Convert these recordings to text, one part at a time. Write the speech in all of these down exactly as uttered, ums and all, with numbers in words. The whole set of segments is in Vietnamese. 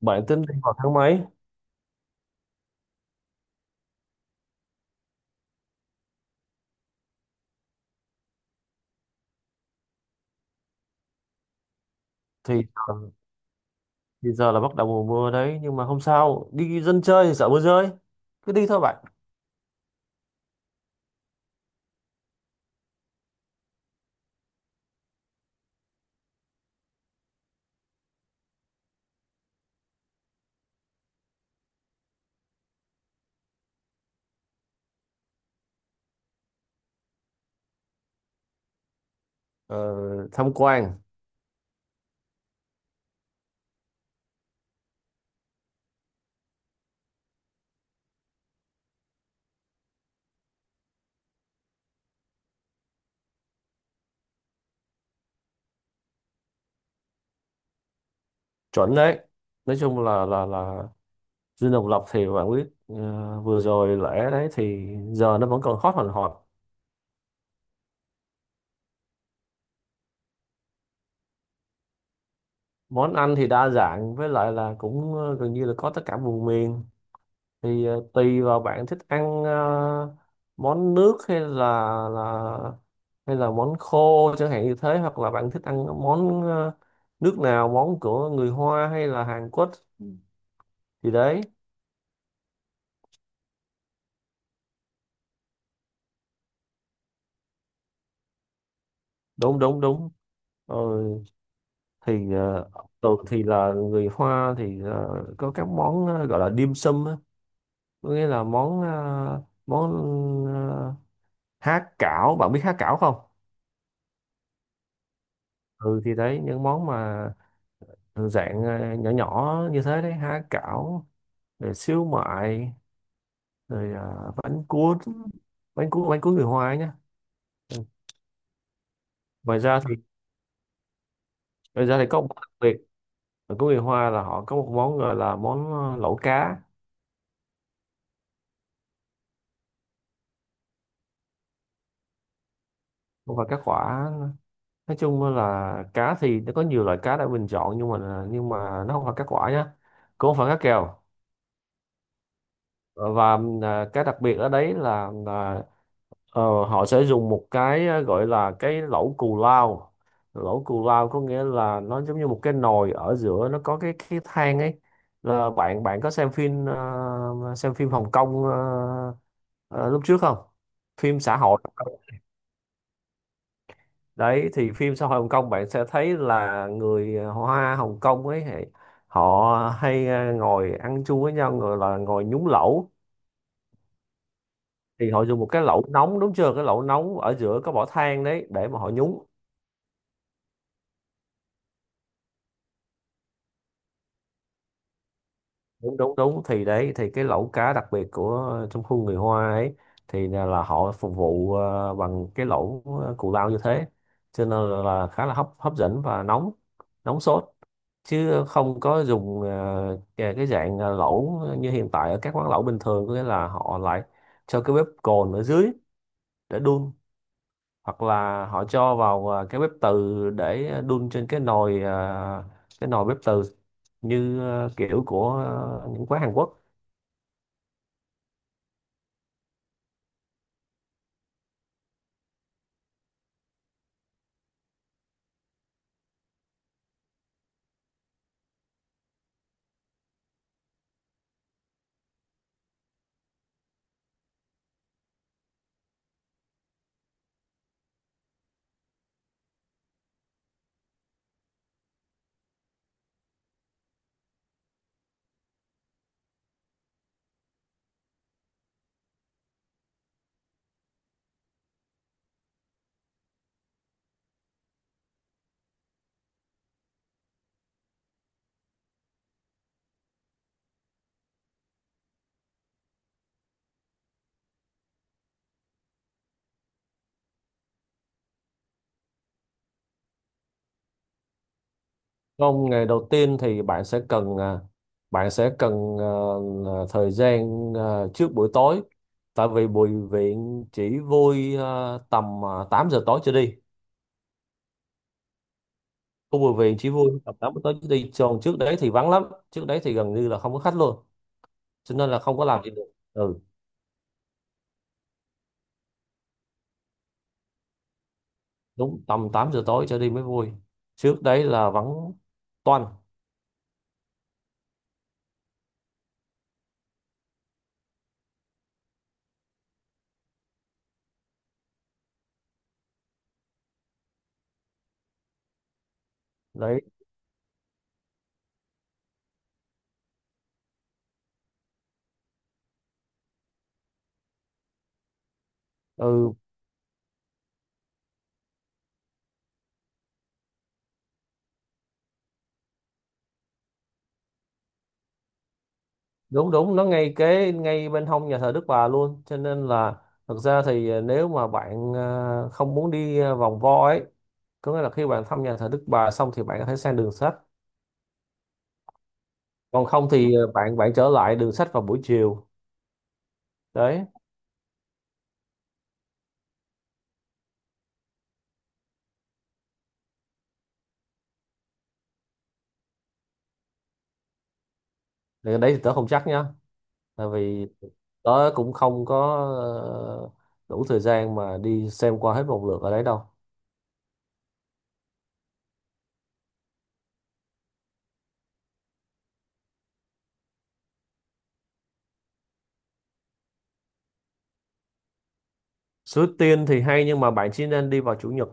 Bạn tính đi vào tháng mấy? thì ờ, thì giờ là bắt đầu mùa mưa đấy, nhưng mà không sao, đi dân chơi thì sợ mưa rơi, cứ đi thôi bạn. ờ, Tham quan chuẩn đấy. Nói chung là là là Dinh Độc Lập thì bạn biết, ờ, vừa rồi lễ đấy thì giờ nó vẫn còn hot hòn hot. Món ăn thì đa dạng, với lại là cũng ờ, gần như là có tất cả vùng miền. Thì ờ, tùy vào bạn thích ăn ờ, món nước hay là là hay là món khô chẳng hạn, như thế, hoặc là bạn thích ăn món ờ, nước nào, món của người Hoa hay là Hàn Quốc, thì đấy. Đúng đúng đúng. ờ, thì ờ, Thường thì là người Hoa thì ờ, có các món ờ, gọi là dim sum á, có nghĩa là món ờ, món ờ, há cảo, bạn biết há cảo không? Ừ, thì đấy, những món mà dạng ờ, nhỏ nhỏ như thế đấy: há cảo, rồi xíu mại, rồi ờ, bánh cuốn bánh cuốn bánh cuốn người Hoa ấy nhá. Ừ. Ngoài ra thì ngoài ra thì có một món đặc biệt ở của người Hoa là họ có một món gọi là món ờ, lẩu cá. Và cá quả, nói chung là cá thì nó có nhiều loại cá để mình chọn, nhưng mà ờ, nhưng mà nó không phải cá quả nhá, cũng không phải cá kèo. Ờ, và ờ, cá đặc biệt ở đấy là, là Ờ, họ sẽ dùng một cái ờ, gọi là cái lẩu cù lao. Lẩu cù lao có nghĩa là nó giống như một cái nồi ở giữa, nó có cái cái than ấy. Là bạn bạn có xem phim, ờ, xem phim Hồng Kông ờ, ờ, lúc trước không? Phim xã hội đấy, thì phim xã hội Hồng Kông bạn sẽ thấy là người ờ, Hoa Hồng Kông ấy, thì họ hay ờ, ngồi ăn chung với nhau, gọi là ngồi nhúng lẩu. Thì họ dùng một cái lẩu nóng, đúng chưa? Cái lẩu nóng ở giữa có bỏ than đấy để mà họ nhúng. Đúng đúng đúng, thì đấy, thì cái lẩu cá đặc biệt của trong khu người Hoa ấy thì là, là họ phục vụ ờ, bằng cái lẩu ờ, cù lao như thế, cho nên là, là khá là hấp hấp dẫn và nóng, nóng sốt, chứ không có dùng ờ, cái cái dạng ờ, lẩu như hiện tại ở các quán lẩu bình thường, có nghĩa là họ lại cho cái bếp cồn ở dưới để đun, hoặc là họ cho vào ờ, cái bếp từ để đun trên cái nồi, ờ, cái nồi bếp từ, như ờ, kiểu của ờ, những quán Hàn Quốc. Không, ngày đầu tiên thì bạn sẽ cần à, bạn sẽ cần à, à, thời gian, à, trước buổi tối, tại vì bùi viện chỉ vui à, tầm à, tám giờ tối trở đi. Khu bùi viện chỉ vui tầm tám giờ tối trở đi. Còn trước đấy thì vắng lắm, trước đấy thì gần như là không có khách luôn. Cho nên là không có làm gì được. Ừ, đúng, tầm tám giờ tối trở đi mới vui. Trước đấy là vắng toanh. Đấy. Ừ, đúng đúng, nó ngay kế ngay bên hông nhà thờ Đức Bà luôn, cho nên là thực ra thì ờ, nếu mà bạn ờ, không muốn đi ờ, vòng vo ấy, có nghĩa là khi bạn thăm nhà thờ Đức Bà xong thì bạn có thể sang đường sách, còn không thì ờ, bạn bạn trở lại đường sách vào buổi chiều, đấy. Thì đấy thì tớ không chắc nha, tại vì tớ cũng không có ờ, đủ thời gian mà đi xem qua hết một lượt ở đấy đâu. Suối Tiên thì hay, nhưng mà bạn chỉ nên đi vào chủ nhật.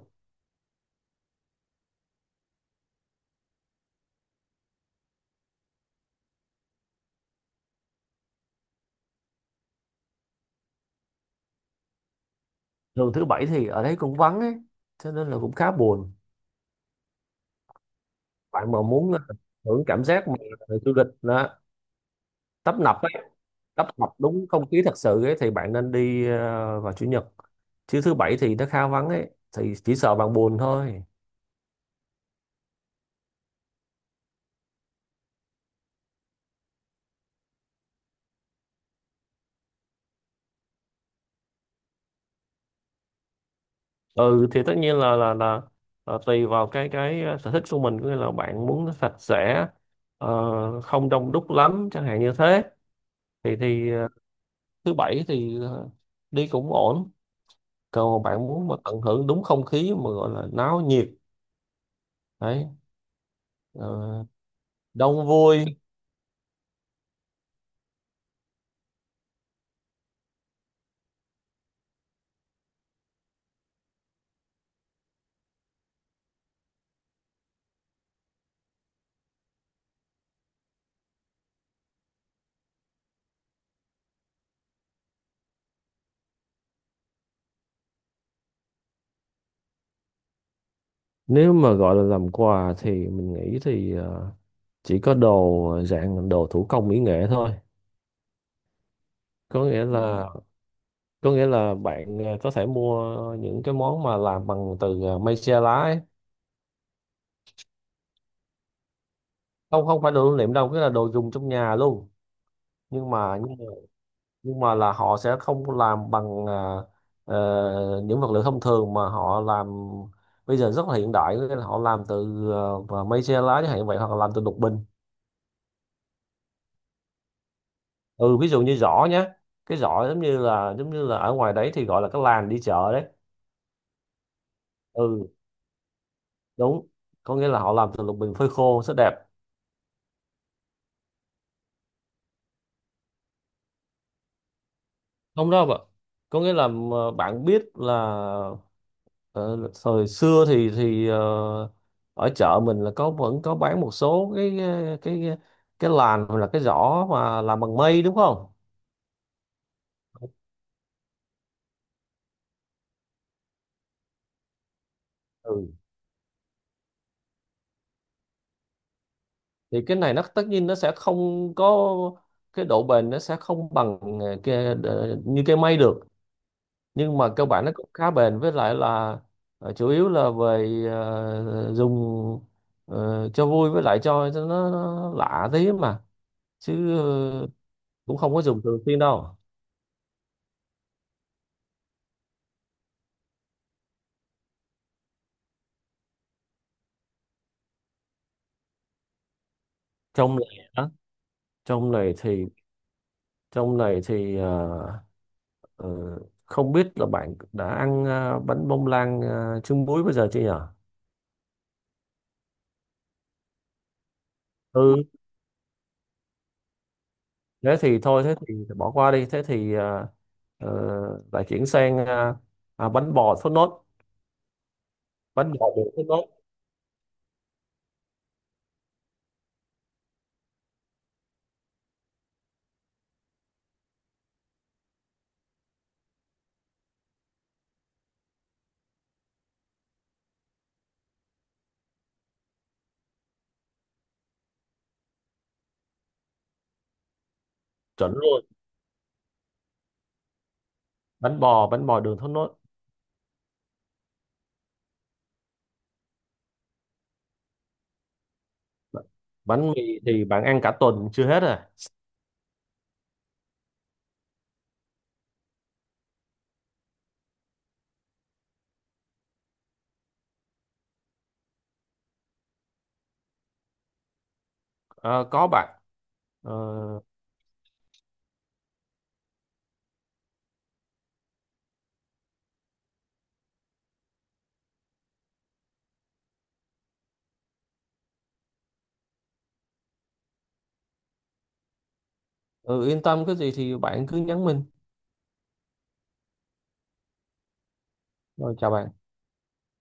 Thường thứ bảy thì ở đấy cũng vắng ấy, cho nên là cũng khá buồn. Bạn mà muốn ờ, hưởng cảm giác mà du lịch nó tấp nập ấy, tấp nập đúng không khí thật sự ấy, thì bạn nên đi ờ, vào chủ nhật, chứ thứ bảy thì nó khá vắng ấy, thì chỉ sợ bạn buồn thôi. Ừ, thì tất nhiên là là là, là tùy vào cái cái ờ, sở thích của mình, có nghĩa là bạn muốn nó sạch sẽ, ờ, không đông đúc lắm chẳng hạn như thế, thì thì ờ, thứ bảy thì ờ, đi cũng ổn. Còn bạn muốn mà tận hưởng đúng không khí mà gọi là náo nhiệt, đấy, ờ, đông vui. Nếu mà gọi là làm quà thì mình nghĩ thì ờ, chỉ có đồ ờ, dạng đồ thủ công mỹ nghệ thôi, có nghĩa Ừ. là có nghĩa là bạn ờ, có thể mua những cái món mà làm bằng từ ờ, mây tre lá ấy. Không, không phải đồ lưu niệm đâu, cái là đồ dùng trong nhà luôn, nhưng mà nhưng mà, nhưng mà là họ sẽ không làm bằng ờ, ờ, những vật liệu thông thường, mà họ làm bây giờ rất là hiện đại, nghĩa là họ làm từ ờ, mây tre lá chẳng hạn vậy, hoặc là làm từ lục bình. Ừ, ví dụ như giỏ nhé, cái giỏ giống như là giống như là ở ngoài đấy thì gọi là cái làn đi chợ đấy. Ừ, đúng, có nghĩa là họ làm từ lục bình phơi khô, rất đẹp. Không đâu ạ, có nghĩa là ờ, bạn biết là, ờ, thời xưa thì thì ờ, ở chợ mình là có vẫn có bán một số cái cái cái ờ, cái làn hoặc là cái giỏ mà làm bằng mây đúng không? Ừ, thì cái này nó tất nhiên nó sẽ không có cái độ bền, nó sẽ không bằng ờ, cái, ờ, như cái mây được, nhưng mà cơ bản nó cũng khá bền, với lại là ờ, chủ yếu là về ờ, dùng ờ, cho vui, với lại cho, cho nó, nó lạ tí mà, chứ ờ, cũng không có dùng thường xuyên đâu. Trong này á? Trong này thì trong này thì ờ, ờ, không biết là bạn đã ăn ờ, bánh bông lan ờ, trứng muối bây giờ chưa nhở? Ừ, thế thì thôi, thế thì bỏ qua đi, thế thì ờ, ờ, lại chuyển sang ờ, à, bánh bò thốt nốt, bánh bò bột thốt nốt. Chuẩn luôn, bánh bò bánh bò đường thốt nốt. Bánh mì thì bạn ăn cả tuần chưa hết à. Ờ, có bạn. Ờ, ừ, yên tâm, cái gì thì bạn cứ nhắn mình. Rồi, chào bạn.